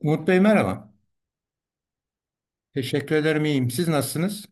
Umut Bey merhaba. Teşekkür ederim iyiyim. Siz nasılsınız?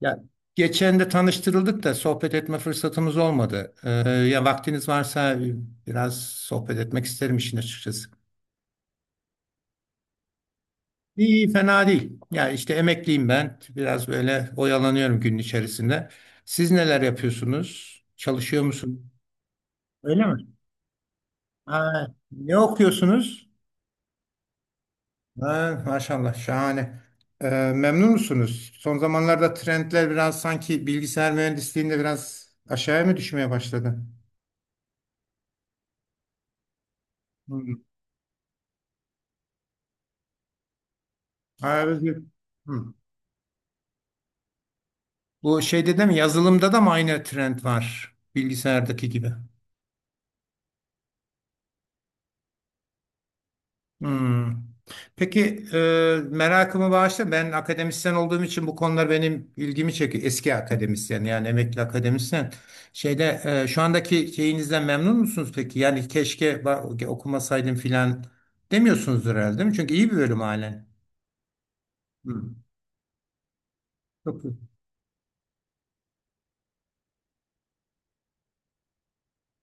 Ya geçen de tanıştırıldık da sohbet etme fırsatımız olmadı. Ya vaktiniz varsa biraz sohbet etmek isterim işin açıkçası. İyi, fena değil. Ya işte emekliyim ben. Biraz böyle oyalanıyorum günün içerisinde. Siz neler yapıyorsunuz? Çalışıyor musunuz? Öyle mi? Ha, ne okuyorsunuz? Ha, maşallah şahane. Memnun musunuz? Son zamanlarda trendler biraz sanki bilgisayar mühendisliğinde biraz aşağıya mı düşmeye başladı? Hmm. Ha. Hmm. Bu şeyde de mi yazılımda da mı aynı trend var bilgisayardaki gibi? Hmm. Peki merakımı bağışla. Ben akademisyen olduğum için bu konular benim ilgimi çekiyor. Eski akademisyen yani emekli akademisyen. Şu andaki şeyinizden memnun musunuz peki? Yani keşke okumasaydım filan demiyorsunuzdur herhalde değil mi? Çünkü iyi bir bölüm halen. Hmm. Çok iyi.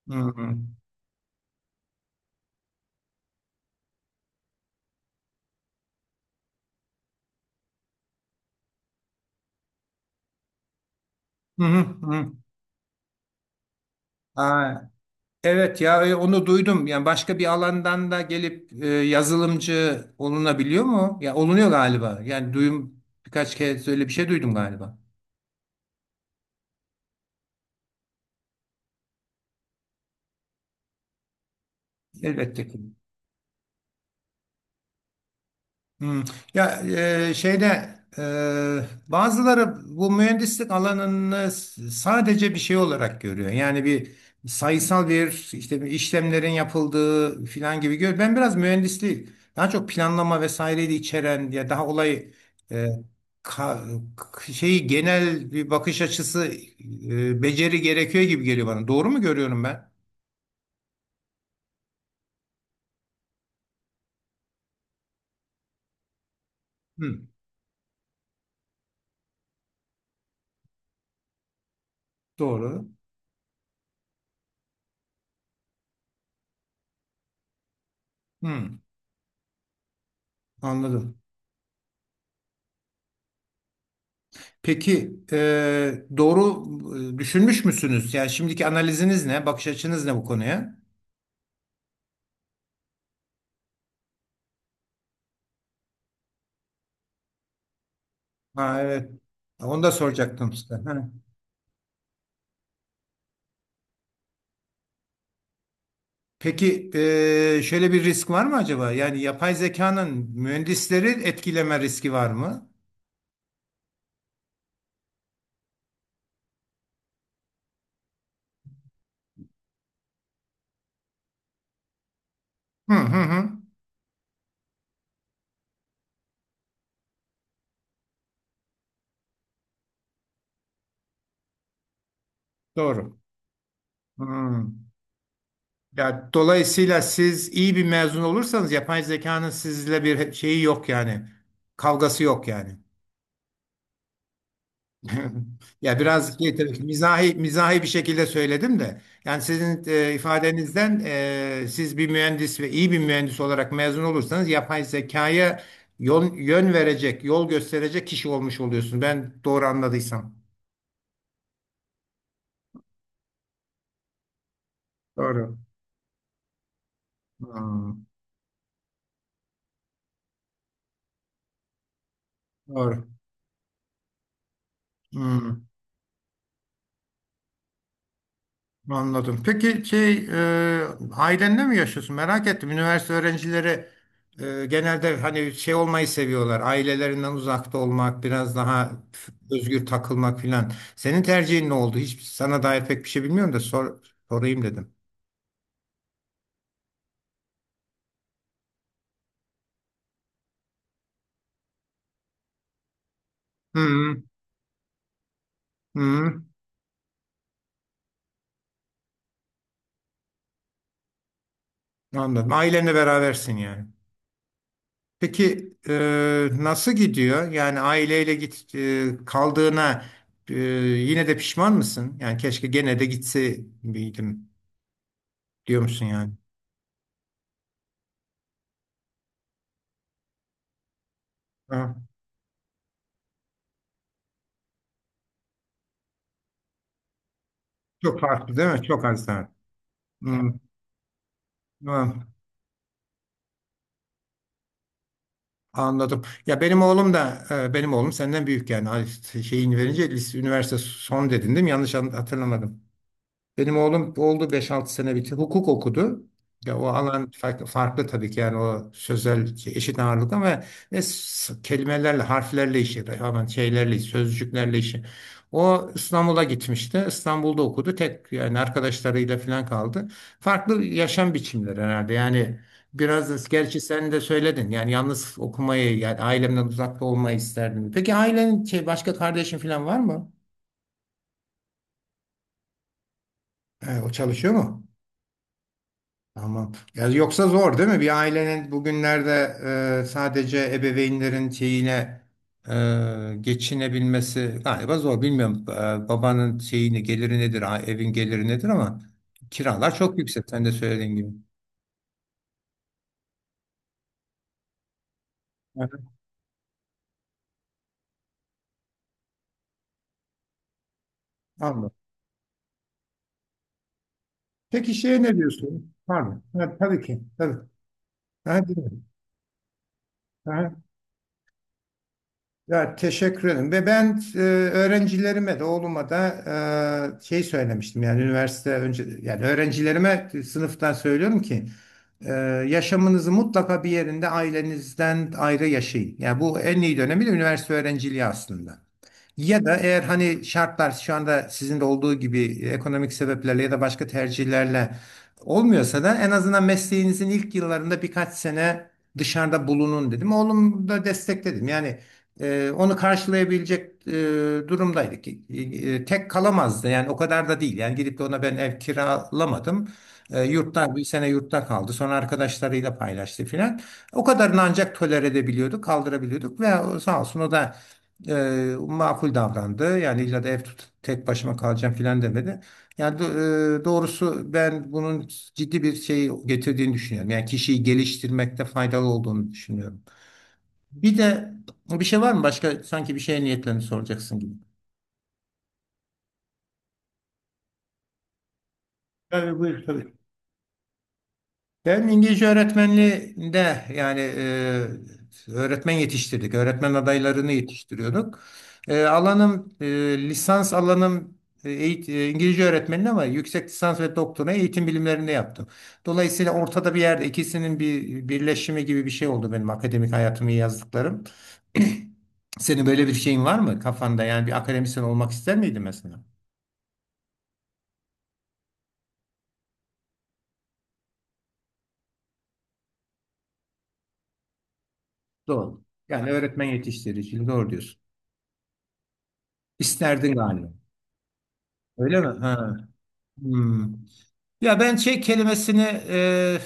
Hmm. Hı hı, hı. Aa, evet ya onu duydum. Yani başka bir alandan da gelip yazılımcı olunabiliyor mu? Ya olunuyor galiba. Yani duyum birkaç kez öyle bir şey duydum galiba. Elbette ki. Hmm. Ya e, şeyde bazıları bu mühendislik alanını sadece bir şey olarak görüyor. Yani bir sayısal bir işte bir işlemlerin yapıldığı filan gibi görüyor. Ben biraz mühendisliği daha çok planlama vesaireyi de içeren ya daha olay e, ka- k- şeyi genel bir bakış açısı beceri gerekiyor gibi geliyor bana. Doğru mu görüyorum ben? Hmm, doğru. Hmm, anladım. Peki doğru düşünmüş müsünüz? Yani şimdiki analiziniz ne? Bakış açınız ne bu konuya? Ha, evet. Onu da soracaktım size. Ha. Peki şöyle bir risk var mı acaba? Yani yapay zekanın mühendisleri etkileme riski var mı? Hı hı hı. Doğru. Hmm. Ya dolayısıyla siz iyi bir mezun olursanız yapay zekanın sizle bir şeyi yok yani. Kavgası yok yani. Ya biraz şey, tabii ki mizahi mizahi bir şekilde söyledim de yani sizin ifadenizden siz bir mühendis ve iyi bir mühendis olarak mezun olursanız yapay zekaya yol, yön verecek, yol gösterecek kişi olmuş oluyorsun. Ben doğru anladıysam. Doğru. Hmm, doğru. Hmm. Anladım. Peki ailenle mi yaşıyorsun? Merak ettim. Üniversite öğrencileri genelde hani şey olmayı seviyorlar. Ailelerinden uzakta olmak, biraz daha özgür takılmak filan. Senin tercihin ne oldu? Hiç sana dair pek bir şey bilmiyorum da sorayım dedim. Hı hı. hı. Anladım. Ailenle berabersin yani. Peki nasıl gidiyor? Yani aileyle kaldığına e, yine de pişman mısın? Yani keşke gene de gitse miydim. Diyor musun yani? Ha, çok farklı değil mi? Çok az daha. Hmm, tamam. Anladım. Ya benim oğlum da benim oğlum senden büyük yani Ay, şeyini verince lise, üniversite son dedin değil mi? Yanlış hatırlamadım. Benim oğlum oldu beş altı sene bitti. Hukuk okudu. Ya o alan farklı, farklı tabii ki yani o sözel şey, eşit ağırlık ama ve kelimelerle, harflerle işi, hemen şeylerle, sözcüklerle işi. O İstanbul'a gitmişti. İstanbul'da okudu. Tek yani arkadaşlarıyla falan kaldı. Farklı yaşam biçimleri herhalde. Yani biraz da gerçi sen de söyledin. Yani yalnız okumayı yani ailemden uzakta olmayı isterdim. Peki ailenin şey başka kardeşin falan var mı? O çalışıyor mu? Tamam. Ya yoksa zor değil mi? Bir ailenin bugünlerde sadece ebeveynlerin şeyine geçinebilmesi galiba zor. Bilmiyorum babanın geliri nedir, evin geliri nedir ama kiralar çok yüksek. Sen de söylediğin gibi. Evet, anladım. Peki şeye ne diyorsun? Pardon. Ha, tabii ki. Tabii. Ha, dinliyorum. Ya teşekkür ederim. Ve ben öğrencilerime de oğluma da söylemiştim yani üniversite önce yani öğrencilerime sınıftan söylüyorum ki e, yaşamınızı mutlaka bir yerinde ailenizden ayrı yaşayın. Yani bu en iyi dönemi de üniversite öğrenciliği aslında. Ya da eğer hani şartlar şu anda sizin de olduğu gibi ekonomik sebeplerle ya da başka tercihlerle olmuyorsa da en azından mesleğinizin ilk yıllarında birkaç sene dışarıda bulunun dedim. Oğlum da destekledim. Yani onu karşılayabilecek durumdaydık. Tek kalamazdı yani o kadar da değil. Yani gidip de ona ben ev kiralamadım. Yurtta bir sene yurtta kaldı. Sonra arkadaşlarıyla paylaştı filan. O kadarını ancak tolere edebiliyorduk, kaldırabiliyorduk ve sağ olsun o da makul davrandı. Yani illa da ev tut, tek başıma kalacağım filan demedi. Yani doğrusu ben bunun ciddi bir şey getirdiğini düşünüyorum. Yani kişiyi geliştirmekte faydalı olduğunu düşünüyorum. Bir de bir şey var mı? Başka sanki bir şeye niyetlerini soracaksın gibi. Yani buyur tabii. Ben İngilizce öğretmenliğinde yani öğretmen yetiştirdik. Öğretmen adaylarını yetiştiriyorduk. E, alanım e, lisans alanım İngilizce öğretmenliği ama yüksek lisans ve doktora eğitim bilimlerinde yaptım. Dolayısıyla ortada bir yerde ikisinin bir birleşimi gibi bir şey oldu benim akademik hayatımı yazdıklarım. Senin böyle bir şeyin var mı kafanda? Yani bir akademisyen olmak ister miydin mesela? Doğru. Yani öğretmen yetiştiriciliği doğru diyorsun. İsterdin galiba. Öyle mi? Ha. Hmm. Ya ben şey kelimesini e,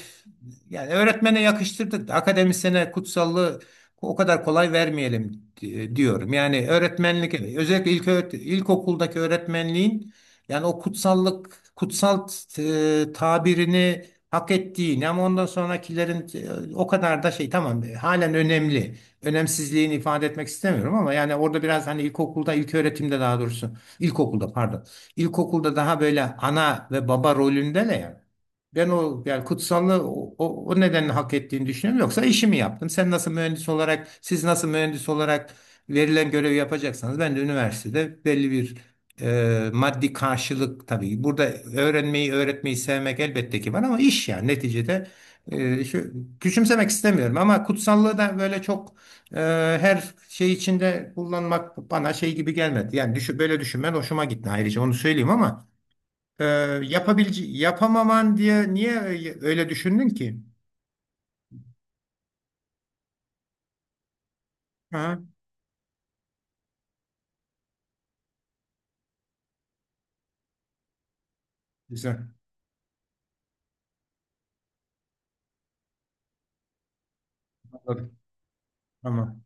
yani öğretmene yakıştırdık da akademisyene kutsallığı o kadar kolay vermeyelim diyorum. Yani öğretmenlik evet, özellikle ilk ilkokuldaki öğretmenliğin yani o kutsallık kutsal tabirini hak ettiğini ama ondan sonrakilerin o kadar da şey tamam halen önemli. Önemsizliğini ifade etmek istemiyorum ama yani orada biraz hani ilkokulda ilk öğretimde daha doğrusu ilkokulda pardon. İlkokulda daha böyle ana ve baba rolünde ne yani? Ben o yani kutsallığı o nedenle hak ettiğini düşünüyorum. Yoksa işimi yaptım. Sen nasıl mühendis olarak, siz nasıl mühendis olarak verilen görevi yapacaksanız ben de üniversitede belli bir maddi karşılık tabii. Burada öğrenmeyi, öğretmeyi sevmek elbette ki var ama iş yani neticede e, şu, küçümsemek istemiyorum ama kutsallığı da böyle çok her şey içinde kullanmak bana şey gibi gelmedi. Yani düşün, böyle düşünmen hoşuma gitti ayrıca onu söyleyeyim ama e, yapabilece yapamaman diye niye öyle düşündün ki? Aha, güzel. Anladım. Tamam.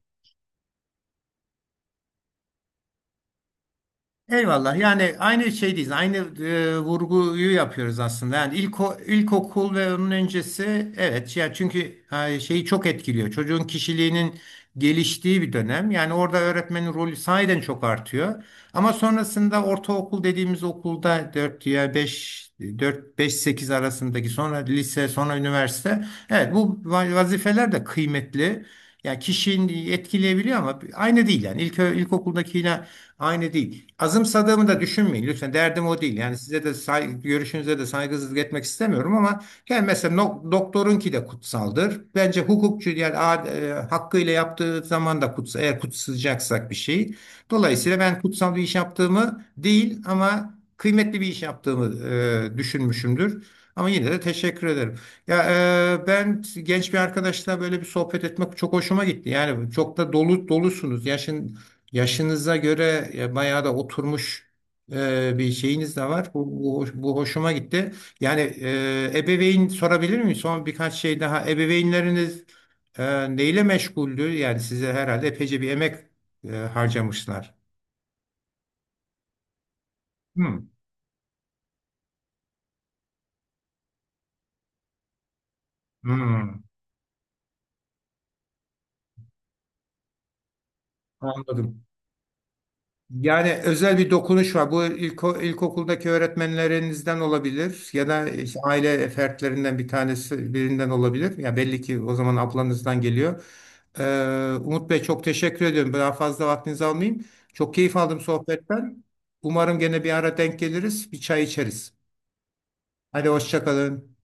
Eyvallah. Yani aynı şeydeyiz. Aynı vurguyu yapıyoruz aslında. Yani ilkokul ve onun öncesi evet ya çünkü şeyi çok etkiliyor. Çocuğun kişiliğinin geliştiği bir dönem. Yani orada öğretmenin rolü sahiden çok artıyor. Ama sonrasında ortaokul dediğimiz okulda 4 ya 5, 4 5 8 arasındaki sonra lise, sonra üniversite. Evet bu vazifeler de kıymetli. Yani kişinin etkileyebiliyor ama aynı değil yani. İlk ilkokuldakiyle aynı değil. Azımsadığımı da düşünmeyin. Lütfen derdim o değil. Yani size de görüşünüze de saygısızlık etmek istemiyorum ama yani mesela doktorunki de kutsaldır. Bence hukukçu yani hakkıyla yaptığı zaman da kutsal, eğer kutsayacaksak bir şey. Dolayısıyla ben kutsal bir iş yaptığımı değil ama kıymetli bir iş yaptığımı düşünmüşümdür. Ama yine de teşekkür ederim. Ya ben genç bir arkadaşla böyle bir sohbet etmek çok hoşuma gitti. Yani çok da dolu dolusunuz. Yaşınıza göre bayağı da oturmuş bir şeyiniz de var. Bu hoşuma gitti. Yani ebeveyn sorabilir miyim? Son birkaç şey daha. Ebeveynleriniz neyle meşguldü? Yani size herhalde epeyce bir emek harcamışlar. Hmm. Hmm. Anladım. Yani özel bir dokunuş var. Bu ilkokuldaki öğretmenlerinizden olabilir ya da işte aile fertlerinden bir tanesi birinden olabilir. Ya belli ki o zaman ablanızdan geliyor. Ee, Umut Bey çok teşekkür ediyorum. Daha fazla vaktinizi almayayım. Çok keyif aldım sohbetten. Umarım gene bir ara denk geliriz, bir çay içeriz. Hadi hoşça kalın.